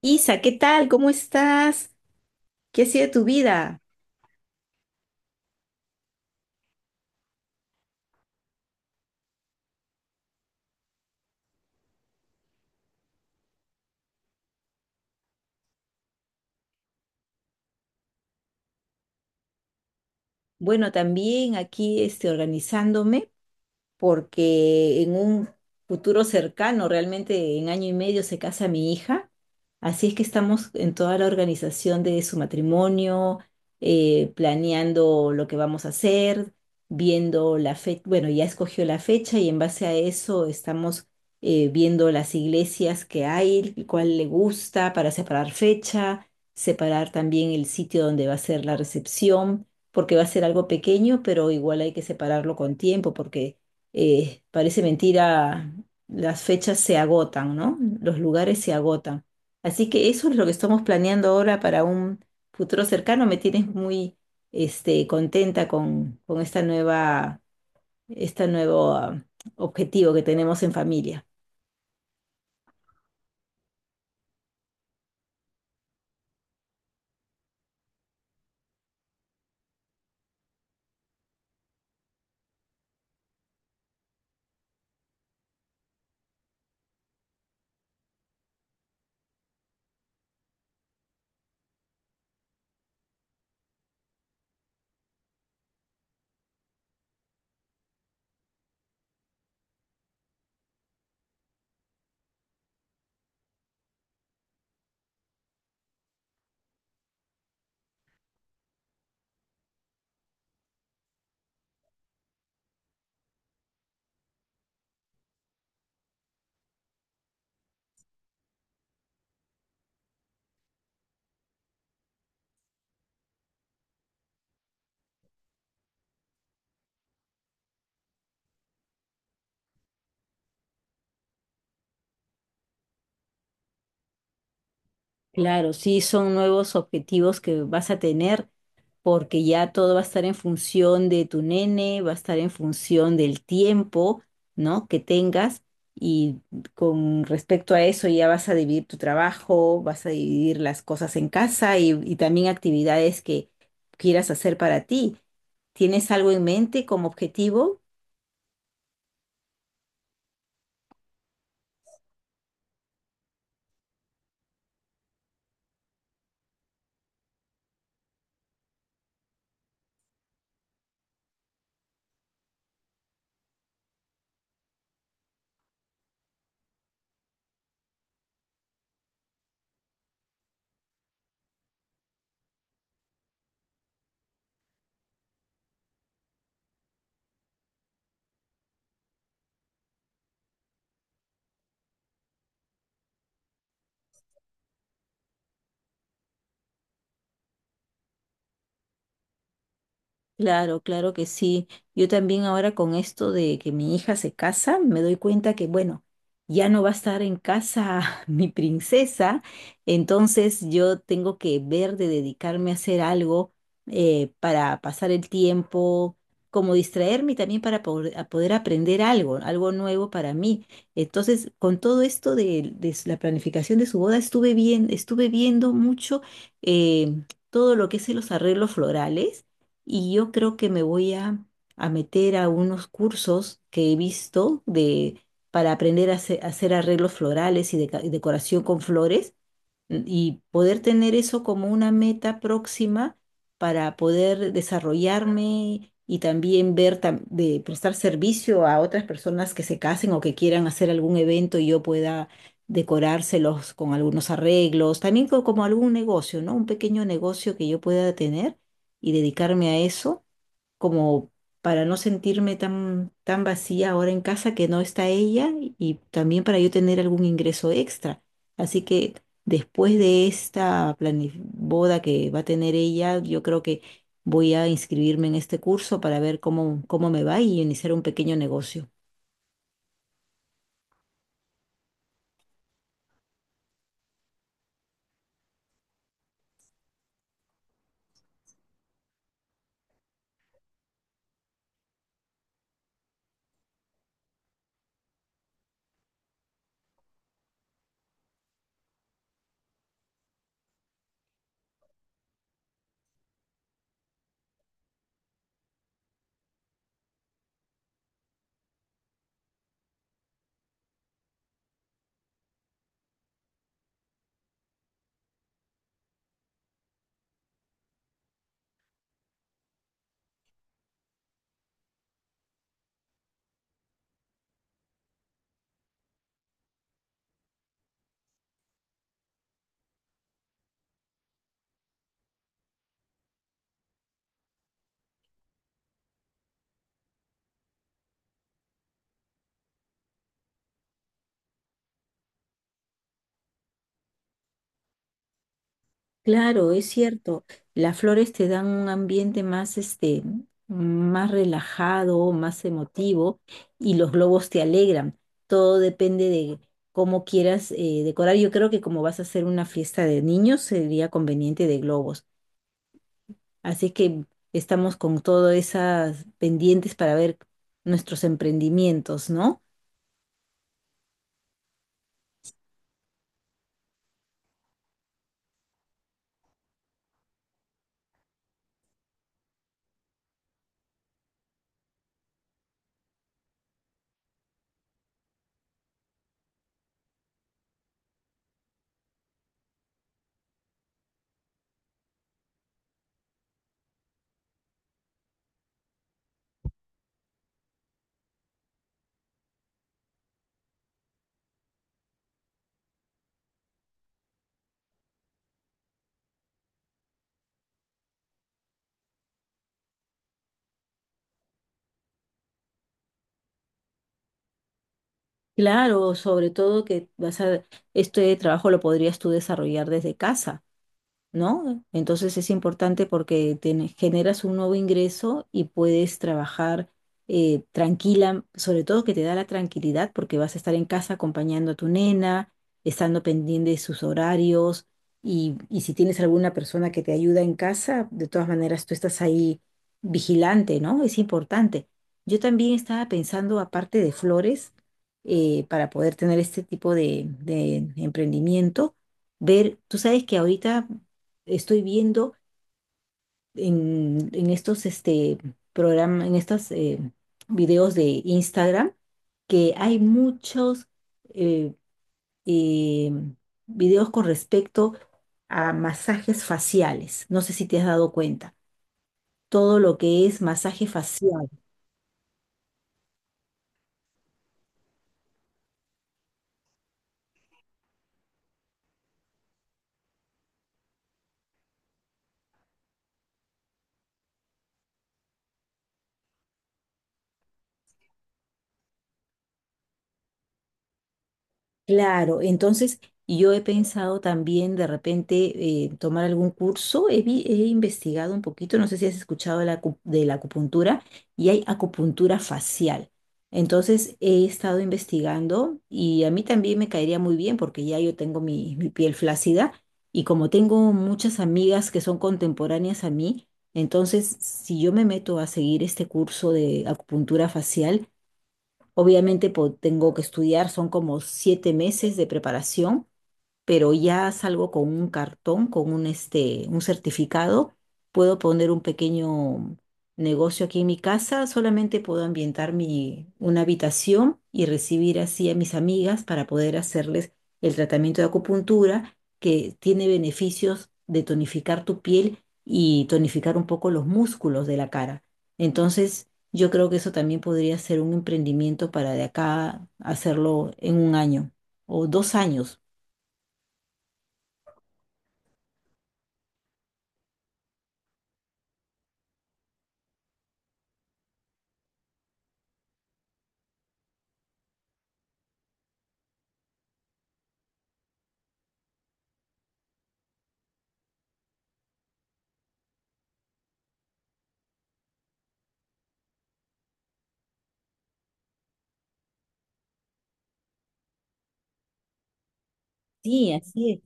Isa, ¿qué tal? ¿Cómo estás? ¿Qué ha sido tu vida? Bueno, también aquí organizándome porque en un futuro cercano, realmente en 1 año y medio, se casa mi hija. Así es que estamos en toda la organización de su matrimonio, planeando lo que vamos a hacer, viendo la fecha, bueno, ya escogió la fecha y en base a eso estamos viendo las iglesias que hay, cuál le gusta para separar fecha, separar también el sitio donde va a ser la recepción, porque va a ser algo pequeño, pero igual hay que separarlo con tiempo, porque parece mentira, las fechas se agotan, ¿no? Los lugares se agotan. Así que eso es lo que estamos planeando ahora para un futuro cercano. Me tienes muy, contenta con esta nueva, este nuevo, objetivo que tenemos en familia. Claro, sí, son nuevos objetivos que vas a tener porque ya todo va a estar en función de tu nene, va a estar en función del tiempo, ¿no? que tengas y con respecto a eso ya vas a dividir tu trabajo, vas a dividir las cosas en casa y también actividades que quieras hacer para ti. ¿Tienes algo en mente como objetivo? Claro, claro que sí. Yo también ahora con esto de que mi hija se casa, me doy cuenta que, bueno, ya no va a estar en casa mi princesa, entonces yo tengo que ver de dedicarme a hacer algo para pasar el tiempo, como distraerme y también para poder aprender algo, algo nuevo para mí. Entonces, con todo esto de la planificación de su boda, estuve bien, estuve viendo mucho eh, todo lo que es los arreglos florales y yo creo que me voy a meter a unos cursos que he visto de, para aprender a hacer arreglos florales y, y decoración con flores, y poder tener eso como una meta próxima para poder desarrollarme y también de prestar servicio a otras personas que se casen o que quieran hacer algún evento y yo pueda decorárselos con algunos arreglos, también como algún negocio, ¿no? Un pequeño negocio que yo pueda tener y dedicarme a eso como para no sentirme tan, tan vacía ahora en casa que no está ella y también para yo tener algún ingreso extra. Así que después de esta boda que va a tener ella, yo creo que voy a inscribirme en este curso para ver cómo, cómo me va y iniciar un pequeño negocio. Claro, es cierto. Las flores te dan un ambiente más, más relajado, más emotivo y los globos te alegran. Todo depende de cómo quieras decorar. Yo creo que como vas a hacer una fiesta de niños, sería conveniente de globos. Así que estamos con todas esas pendientes para ver nuestros emprendimientos, ¿no? Claro, sobre todo que vas a, este trabajo lo podrías tú desarrollar desde casa. ¿No? Entonces es importante porque tienes- generas un nuevo ingreso y puedes trabajar tranquila, sobre todo que te da la tranquilidad porque vas a estar en casa acompañando a tu nena, estando pendiente de sus horarios y si tienes alguna persona que te ayuda en casa, de todas maneras tú estás ahí vigilante, ¿no? Es importante. Yo también estaba pensando, aparte de flores, para poder tener este tipo de emprendimiento, ver, tú sabes que ahorita estoy viendo en estos programas, en estos videos de Instagram, que hay muchos eh, eh, videos con respecto a masajes faciales. No sé si te has dado cuenta. Todo lo que es masaje facial. Claro, entonces yo he pensado también de repente tomar algún curso, he investigado un poquito, no sé si has escuchado de de la acupuntura y hay acupuntura facial. Entonces he estado investigando y a mí también me caería muy bien porque ya yo tengo mi piel flácida y como tengo muchas amigas que son contemporáneas a mí, entonces si yo me meto a seguir este curso de acupuntura facial, obviamente tengo que estudiar, son como 7 meses de preparación, pero ya salgo con un cartón, con un, un certificado, puedo poner un pequeño negocio aquí en mi casa, solamente puedo ambientar una habitación y recibir así a mis amigas para poder hacerles el tratamiento de acupuntura, que tiene beneficios de tonificar tu piel y tonificar un poco los músculos de la cara. Entonces, yo creo que eso también podría ser un emprendimiento para de acá hacerlo en 1 año o 2 años. Sí, así es.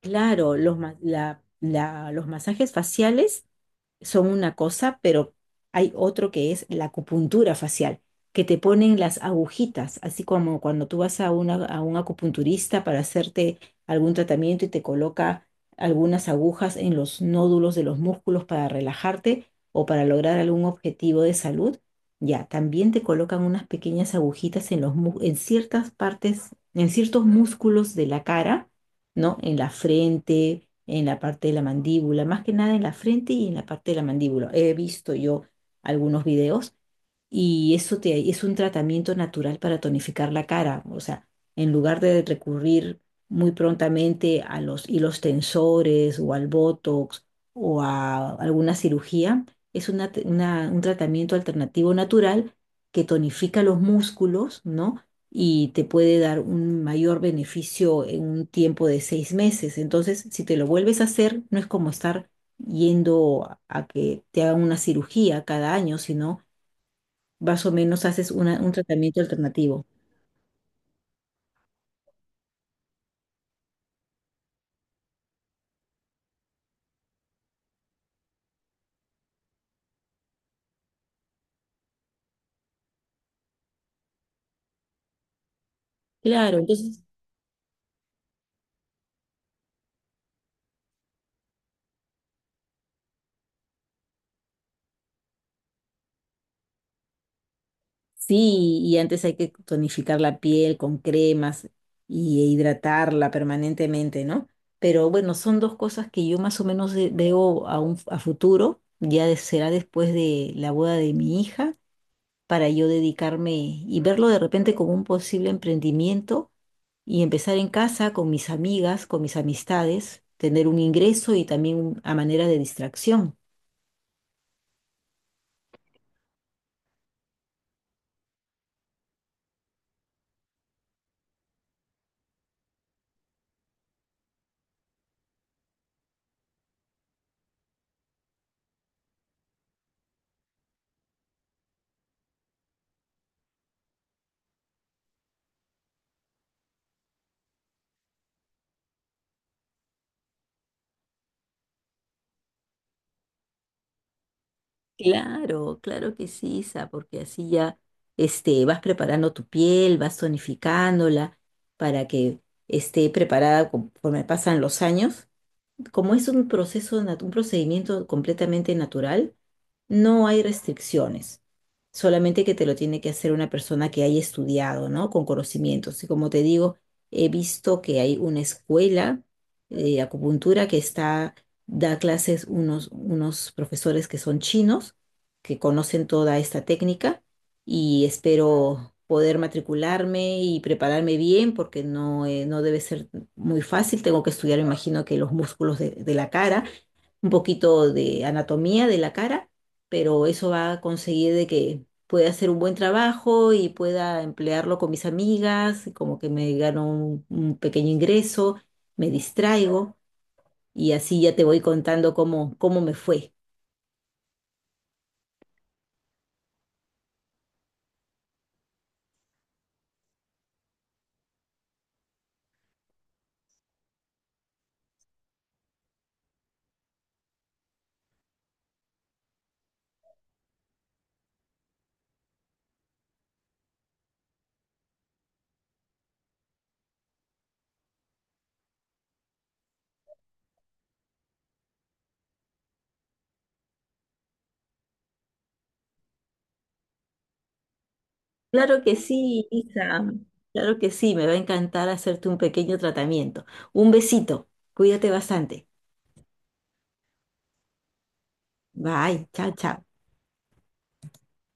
Claro, los, los masajes faciales son una cosa, pero hay otro que es la acupuntura facial, que te ponen las agujitas, así como cuando tú vas a un acupunturista para hacerte algún tratamiento y te coloca algunas agujas en los nódulos de los músculos para relajarte o para lograr algún objetivo de salud. Ya, también te colocan unas pequeñas agujitas en en ciertas partes, en ciertos músculos de la cara, ¿no? En la frente, en la parte de la mandíbula, más que nada en la frente y en la parte de la mandíbula. He visto yo algunos videos y eso te, es un tratamiento natural para tonificar la cara. O sea, en lugar de recurrir muy prontamente a los hilos tensores o al Botox o a alguna cirugía, es un tratamiento alternativo natural que tonifica los músculos, ¿no? Y te puede dar un mayor beneficio en un tiempo de 6 meses. Entonces, si te lo vuelves a hacer, no es como estar yendo a que te hagan una cirugía cada año, sino más o menos haces un tratamiento alternativo. Claro, entonces sí, y antes hay que tonificar la piel con cremas y e hidratarla permanentemente, ¿no? Pero bueno, son dos cosas que yo más o menos veo a futuro, ya será después de la boda de mi hija, para yo dedicarme y verlo de repente como un posible emprendimiento y empezar en casa con mis amigas, con mis amistades, tener un ingreso y también a manera de distracción. Claro, claro que sí, Isa, porque así ya vas preparando tu piel, vas tonificándola para que esté preparada conforme pasan los años. Como es un proceso, un procedimiento completamente natural, no hay restricciones. Solamente que te lo tiene que hacer una persona que haya estudiado, ¿no? Con conocimientos. Y como te digo, he visto que hay una escuela de acupuntura que está, da clases unos, unos profesores que son chinos, que conocen toda esta técnica y espero poder matricularme y prepararme bien porque no, no debe ser muy fácil. Tengo que estudiar, me imagino que los músculos de la cara, un poquito de anatomía de la cara, pero eso va a conseguir de que pueda hacer un buen trabajo y pueda emplearlo con mis amigas, y como que me gano un pequeño ingreso, me distraigo y así ya te voy contando cómo, cómo me fue. Claro que sí, Isa. Claro que sí, me va a encantar hacerte un pequeño tratamiento. Un besito. Cuídate bastante. Bye. Chao, chao.